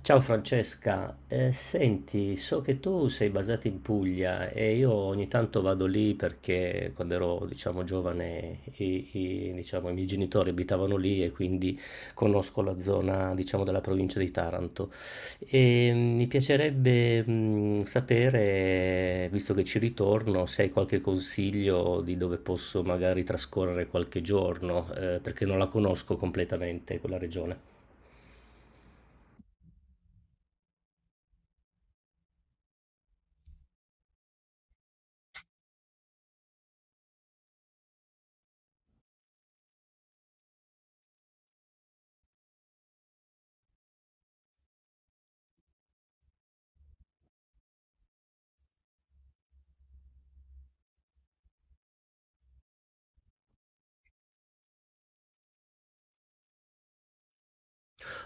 Ciao Francesca, senti, so che tu sei basata in Puglia e io ogni tanto vado lì perché quando ero, diciamo, giovane diciamo, i miei genitori abitavano lì e quindi conosco la zona, diciamo, della provincia di Taranto. Mi piacerebbe sapere, visto che ci ritorno, se hai qualche consiglio di dove posso magari trascorrere qualche giorno, perché non la conosco completamente quella regione.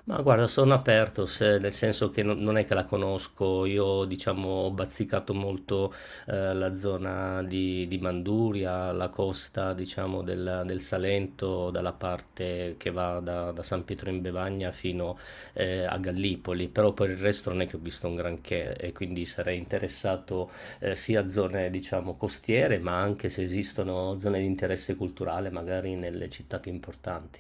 Ma guarda, sono aperto, nel senso che non è che la conosco, io diciamo ho bazzicato molto la zona di Manduria, la costa diciamo del Salento, dalla parte che va da San Pietro in Bevagna fino a Gallipoli, però per il resto non è che ho visto un granché e quindi sarei interessato sia a zone diciamo costiere, ma anche se esistono zone di interesse culturale magari nelle città più importanti.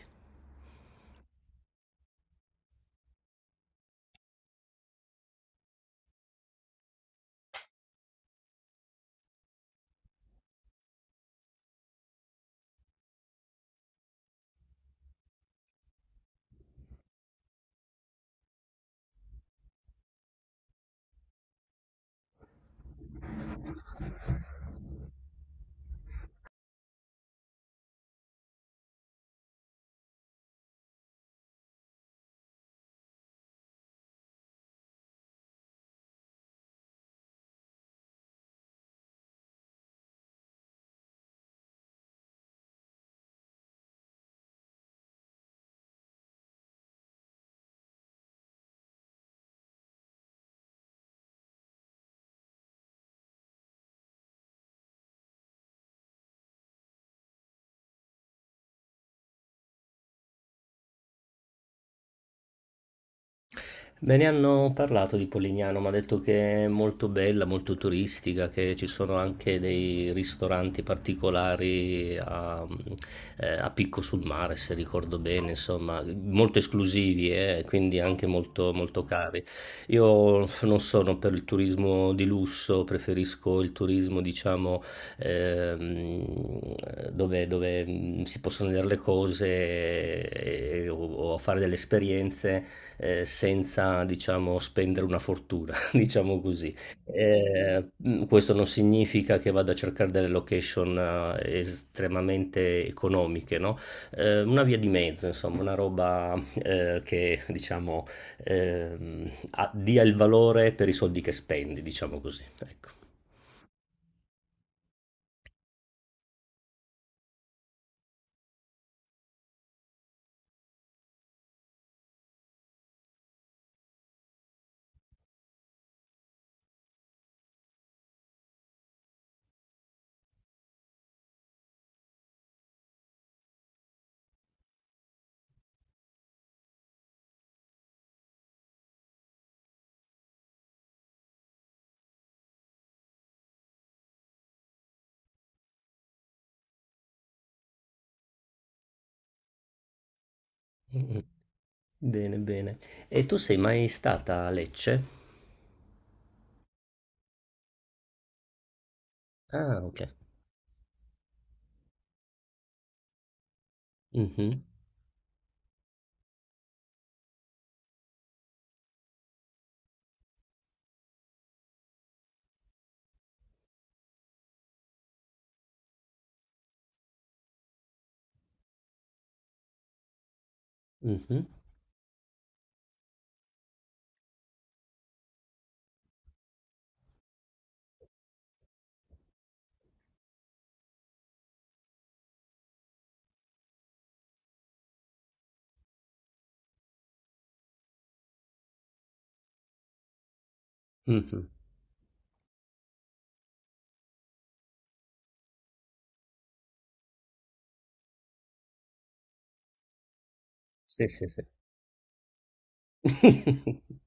Me ne hanno parlato di Polignano, mi ha detto che è molto bella, molto turistica, che ci sono anche dei ristoranti particolari a, a picco sul mare, se ricordo bene, insomma, molto esclusivi e quindi anche molto, molto cari. Io non sono per il turismo di lusso, preferisco il turismo, diciamo, ehm, dove si possono vedere le cose o fare delle esperienze senza, diciamo, spendere una fortuna, diciamo così. Questo non significa che vado a cercare delle location estremamente economiche, no? Una via di mezzo, insomma, una roba che, diciamo, dia il valore per i soldi che spendi, diciamo così. Ecco. Mm, Bene, bene. E tu sei mai stata a Lecce? Ah, ok. Mhm, mhm, mhm. Sì, sì, sì.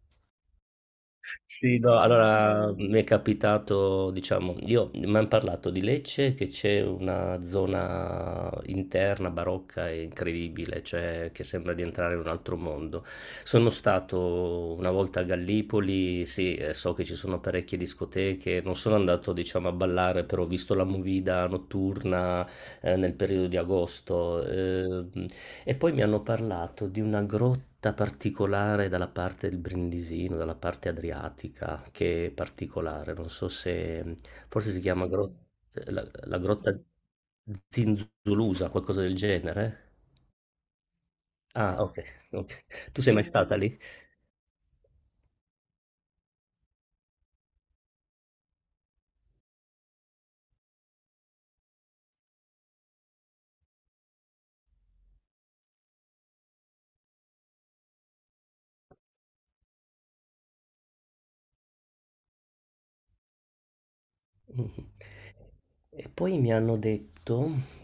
Sì, no, allora mi è capitato, diciamo, io mi hanno parlato di Lecce che c'è una zona interna barocca e incredibile, cioè che sembra di entrare in un altro mondo. Sono stato una volta a Gallipoli, sì, so che ci sono parecchie discoteche, non sono andato, diciamo, a ballare, però ho visto la movida notturna nel periodo di agosto. E poi mi hanno parlato di una grotta particolare dalla parte del Brindisino, dalla parte adriatica, che è particolare, non so se forse la, la grotta Zinzulusa, qualcosa del genere. Ah, ok, ok. Tu sei mai stata lì? Mh-mh. E poi mi hanno detto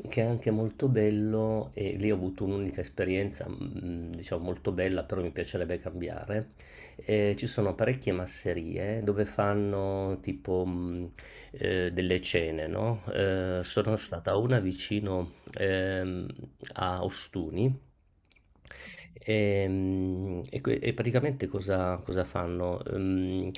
che è anche molto bello e lì ho avuto un'unica esperienza, diciamo molto bella, però mi piacerebbe cambiare. Ci sono parecchie masserie dove fanno tipo, delle cene, no, sono stata a una vicino, a Ostuni. E, e praticamente cosa, cosa fanno?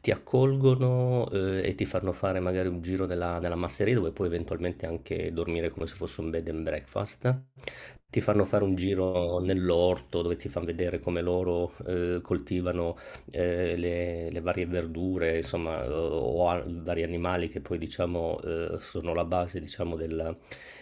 Ti accolgono, e ti fanno fare magari un giro nella masseria dove puoi eventualmente anche dormire come se fosse un bed and breakfast. Ti fanno fare un giro nell'orto dove ti fanno vedere come loro, coltivano le varie verdure, insomma, vari animali che poi diciamo sono la base, diciamo, della,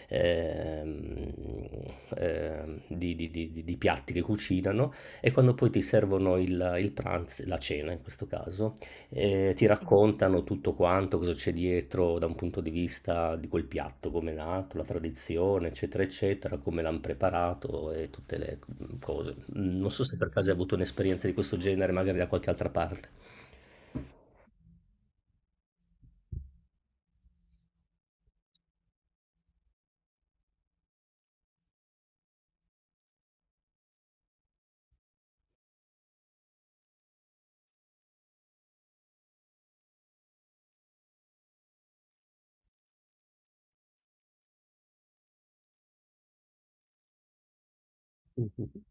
ehm, di piatti che cucinano e quando poi ti servono il pranzo, la cena in questo caso, ti raccontano tutto quanto, cosa c'è dietro da un punto di vista di quel piatto, come è nato, la tradizione, eccetera, eccetera, come l'hanno preparato e tutte le cose. Mhmm, Non so se per caso hai avuto un'esperienza di questo genere, magari da qualche altra parte. Mh-mh.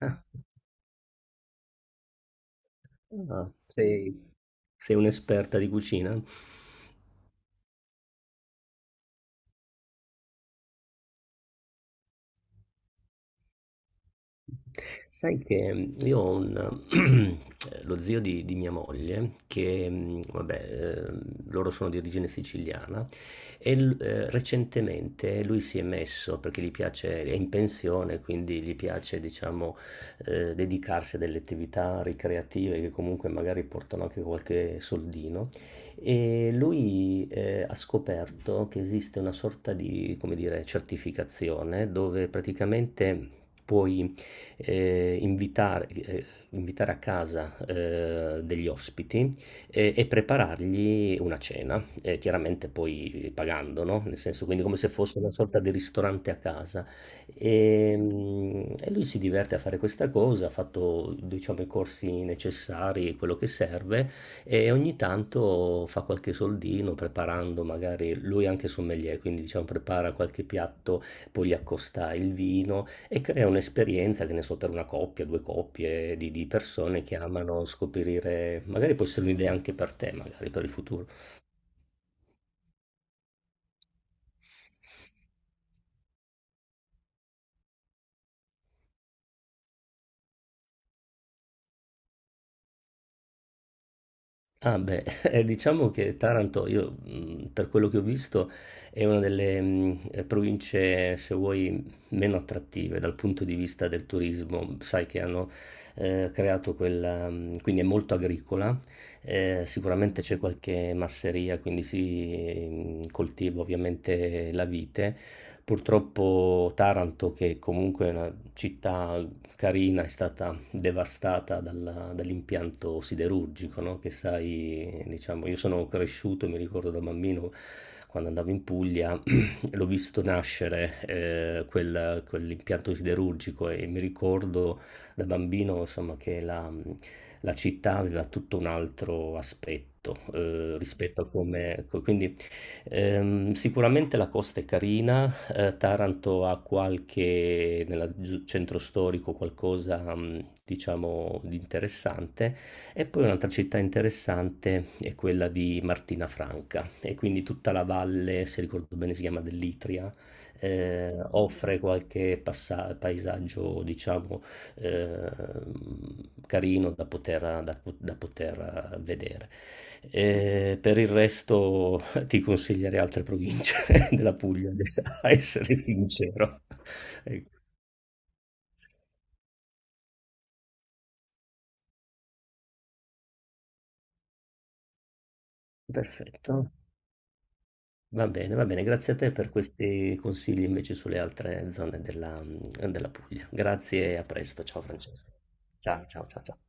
Ah, ah, sei Sei un'esperta di cucina? Sai che io ho un lo zio di mia moglie che, vabbè, loro sono di origine siciliana e l recentemente lui si è messo, perché gli piace è in pensione, quindi gli piace diciamo, dedicarsi a delle attività ricreative che comunque magari portano anche qualche soldino, e lui, ha scoperto che esiste una sorta di, come dire, certificazione dove praticamente puoi eh, invitare, eh, invitare a casa degli ospiti e preparargli una cena, chiaramente poi pagando, no? Nel senso, quindi come se fosse una sorta di ristorante a casa. E lui si diverte a fare questa cosa, ha fatto, diciamo, i corsi necessari, quello che serve, e ogni tanto fa qualche soldino preparando magari, lui è anche sommelier, quindi diciamo prepara qualche piatto, poi gli accosta il vino e crea un'esperienza, che ne so, per una coppia, due coppie di persone che amano scoprire, magari può essere un'idea anche per te, magari per il futuro. Ah beh, diciamo che Taranto, io per quello che ho visto, è una delle province, se vuoi, meno attrattive dal punto di vista del turismo. Sai che hanno creato quella, quindi è molto agricola, sicuramente c'è qualche masseria, quindi si coltiva ovviamente la vite. Purtroppo Taranto, che comunque è una città carina, è stata devastata dall'impianto siderurgico, no? Che sai, diciamo, io sono cresciuto, mi ricordo da bambino quando andavo in Puglia, l'ho visto nascere quell'impianto siderurgico e mi ricordo da bambino, insomma, che la città aveva tutto un altro aspetto rispetto a come... ecco. Quindi sicuramente la costa è carina, Taranto ha qualche, nel centro storico, qualcosa, diciamo, di interessante. E poi un'altra città interessante è quella di Martinafranca e quindi tutta la valle, se ricordo bene si chiama dell'Itria, offre qualche paesaggio, diciamo, eh, carino da poter, da poter vedere. Per il resto ti consiglierei altre province della Puglia, adesso, a essere sincero. Ecco, perfetto. Va bene, grazie a te per questi consigli invece sulle altre zone della Puglia. Grazie e a presto. Ciao Francesco. Ciao, ciao, ciao, ciao.